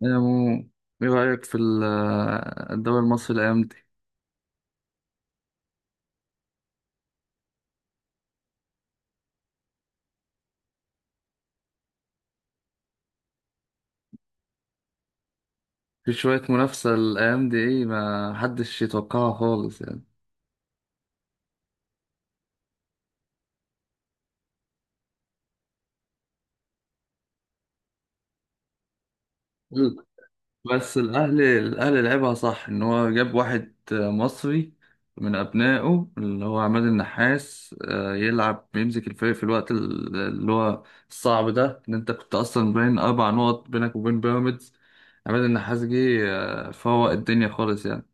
يا مو ايه رأيك في الدوري المصري الأيام دي؟ في شوية منافسة الأيام دي ايه ما حدش يتوقعها خالص يعني. مم. بس الأهلي لعبها صح إن هو جاب واحد مصري من أبنائه اللي هو عماد النحاس يلعب يمسك الفريق في الوقت اللي هو الصعب ده إن أنت كنت أصلا باين 4 نقط بينك وبين بيراميدز. عماد النحاس جه فوق الدنيا خالص يعني.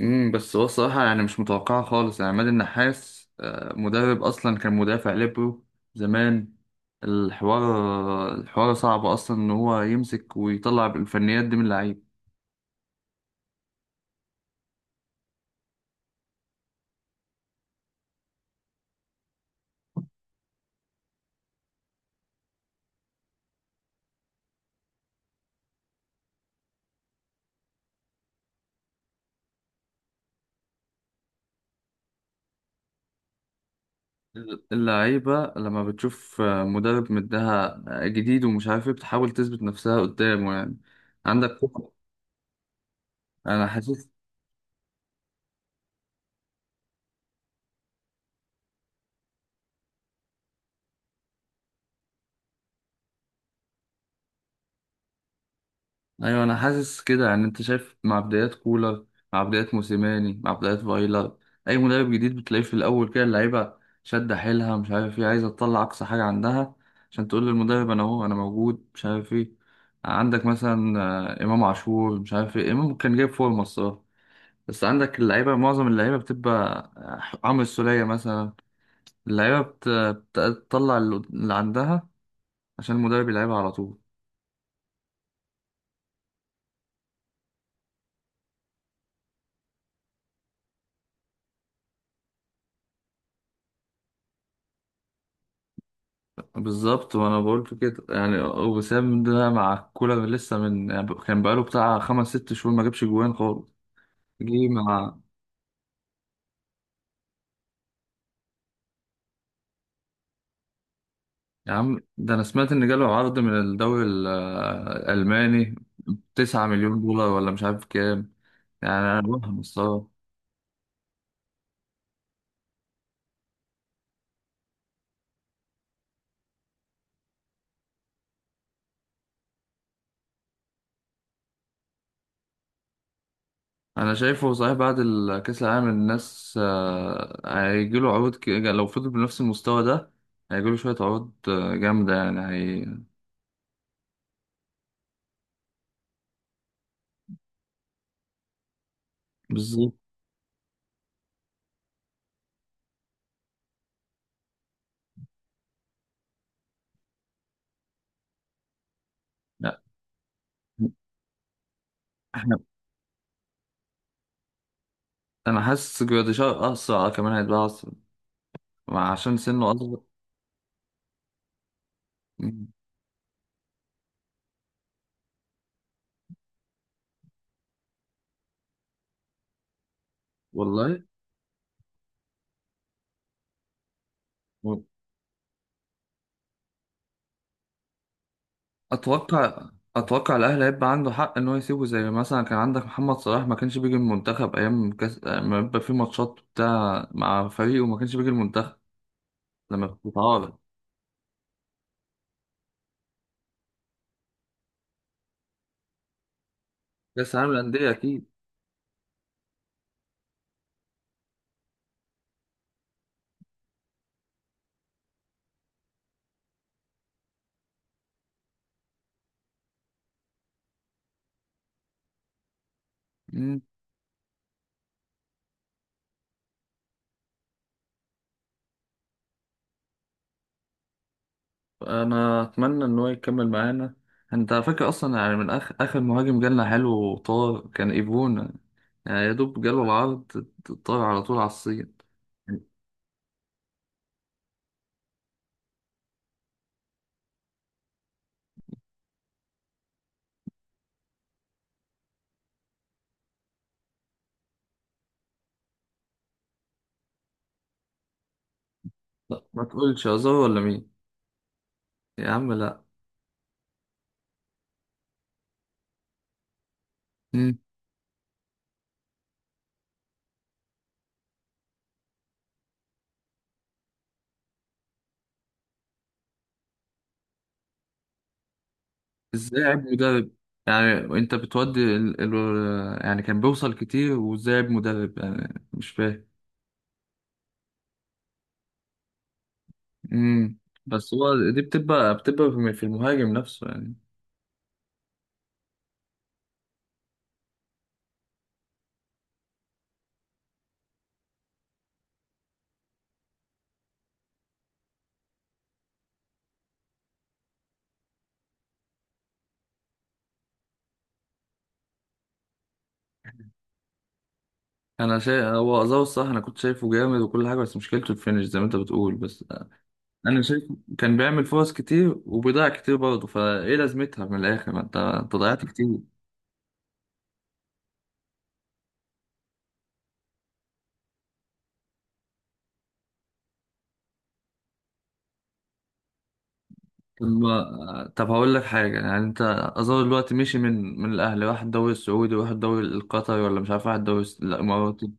بس هو الصراحة يعني مش متوقعة خالص يعني عماد النحاس مدرب أصلا كان مدافع ليبرو زمان. الحوار صعب أصلا إن هو يمسك ويطلع الفنيات دي من اللعيب. اللعيبة لما بتشوف مدرب مدها جديد ومش عارف إيه بتحاول تثبت نفسها قدامه يعني. عندك كوكا، أنا حاسس. ايوه انا حاسس كده يعني، انت شايف مع بدايات كولر، مع بدايات موسيماني، مع بدايات فايلر، اي مدرب جديد بتلاقيه في الاول كده اللعيبه شادة حيلها مش عارف ايه، عايزه تطلع اقصى حاجه عندها عشان تقول للمدرب انا اهو، انا موجود مش عارف ايه. عندك مثلا امام عاشور مش عارف ايه، امام كان جايب فورمه الصراحه. بس عندك اللعيبه، معظم اللعيبه بتبقى عمرو السوليه مثلا. اللعيبه بت- بتطلع اللي عندها عشان المدرب يلعبها على طول. بالظبط، وانا بقول كده يعني وسام ده مع كولر لسه من، يعني كان بقاله بتاع خمس ست شهور ما جابش جوان خالص. جه مع، يا عم ده انا سمعت ان جاله عرض من الدوري الالماني، 9 مليون دولار ولا مش عارف كام، يعني انا بفهم الصراحه. انا شايفه صحيح بعد كاس العالم الناس هيجيله عروض، لو فضل بنفس المستوى ده هيجيله شويه عروض جامده يعني هي. بالظبط. لا، انا حاسس جراديشار اسرع، كمان هيبقى اسرع عشان سنه اصغر. مم. والله. و- اتوقع. اتوقع الاهلي هيبقى عنده حق ان هو يسيبه، زي مثلا كان عندك محمد صلاح ما كانش بيجي المنتخب ايام كاس، ما يبقى في ماتشات بتاع مع فريقه وما كانش بيجي المنتخب لما كنت بتعارض. كاس العالم للانديه اكيد. مم. انا اتمنى ان هو يكمل معانا. انت فاكر اصلا يعني من اخر اخر مهاجم جالنا حلو وطار، كان ايفون يعني، يا دوب جاله العرض طار على طول على الصين. لا ما تقولش أزار ولا مين. يا عم لا. مم. ازاي عيب مدرب؟ يعني انت بتودي ال... ال... يعني كان بيوصل كتير، وازاي عيب مدرب يعني مش فاهم. مم. بس هو دي بتبقى، بتبقى في المهاجم نفسه يعني. انا شايف هو ازار الصح، انا كنت شايفه جامد وكل حاجه بس مشكلته الفينش زي ما انت بتقول بس. انا شايف كان بيعمل فرص كتير وبيضيع كتير برضه، فايه لازمتها من الاخر ما انت ضيعت كتير. طب ما- طب هقول لك حاجة يعني انت، اظن دلوقتي مشي من الاهلي واحد الدوري السعودي وواحد الدوري القطري ولا مش عارف واحد الدوري الس-، لا الاماراتي.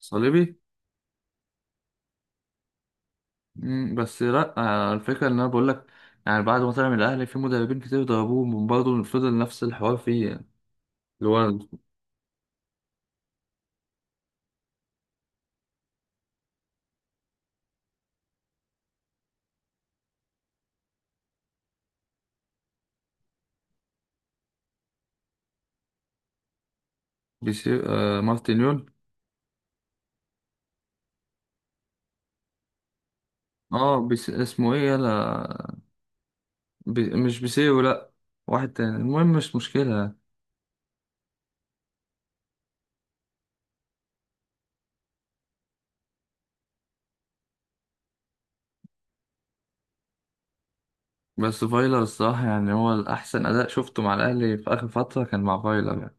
صليبي. مم، بس لا الفكرة ان انا بقول لك يعني بعد ما طلع من الاهلي في مدربين كتير ضربوه برضه فضل نفس الحوار فيه يعني. اللي هو بيسير، آه مارتينيول. اه بيس اسمه ايه يلا، بي مش بيسيرو لا، واحد تاني المهم مش مشكلة يعني. بس فايلر الصراحة يعني هو الأحسن أداء شفته مع الأهلي في آخر فترة كان مع فايلر يعني.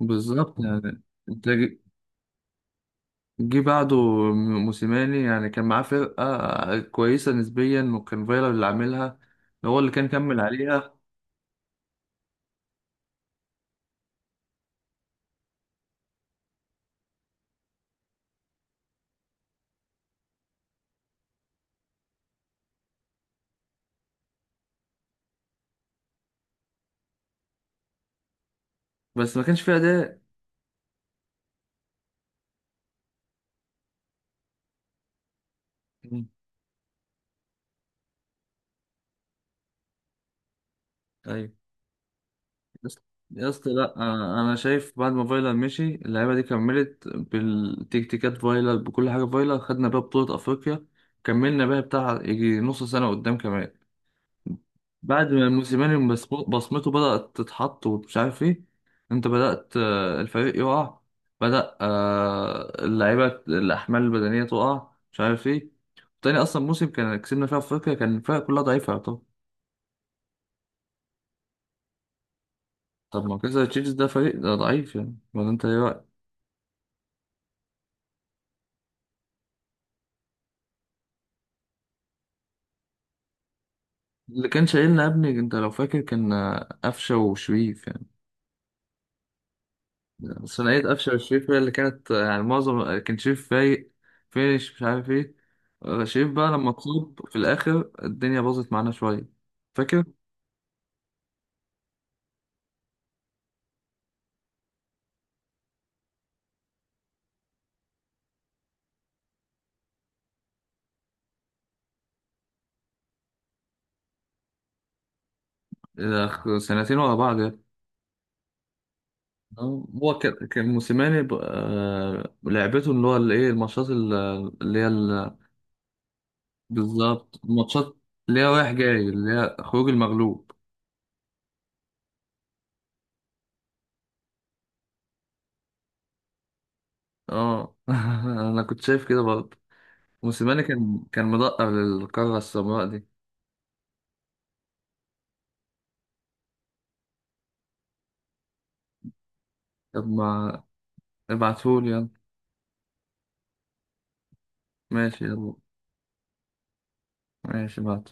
بالظبط يعني. انت جي، جه بعده موسيماني، يعني كان معاه فرقة كويسة نسبيا، وكان فايلر اللي عاملها، هو اللي كان كمل عليها. بس ما كانش فيها أداء. مم. أيوة. بس-، يا اسطى لا، أنا شايف بعد ما فايلر مشي اللعيبة دي كملت بالتكتيكات فايلر، بكل حاجة فايلر خدنا بيها بطولة أفريقيا، كملنا بيها بتاع يجي نص سنة قدام كمان. بعد ما موسيماني بصمته بدأت تتحط ومش عارف ايه، انت بدأت الفريق يقع، بدأ اللعيبة الأحمال البدنية تقع مش عارف ايه. تاني أصلا موسم كان كسبنا فيها أفريقيا كان الفرق كلها ضعيفة. طب، طب ما كذا تشيلسي ده فريق ده ضعيف يعني، ولا انت ايه رأيك؟ اللي كان شايلنا يا ابني انت لو فاكر كان قفشة وشريف يعني. ثنائية أفشة والشريف هي اللي كانت يعني معظم كان شريف فايق فيش مش عارف ايه. شريف بقى لما اتصاب في الآخر الدنيا باظت معانا شوية. فاكر، سنتين ورا بعض يعني. هو كان موسيماني لعبته اللي هو الايه الماتشات اللي هي بالظبط الماتشات اللي هي رايح جاي، اللي هي خروج المغلوب. اه انا كنت شايف كده برضه، موسيماني كان مدقق للقارة السمراء دي. طب ما، ابعتهولي يلا. ماشي يلا، ماشي بعد.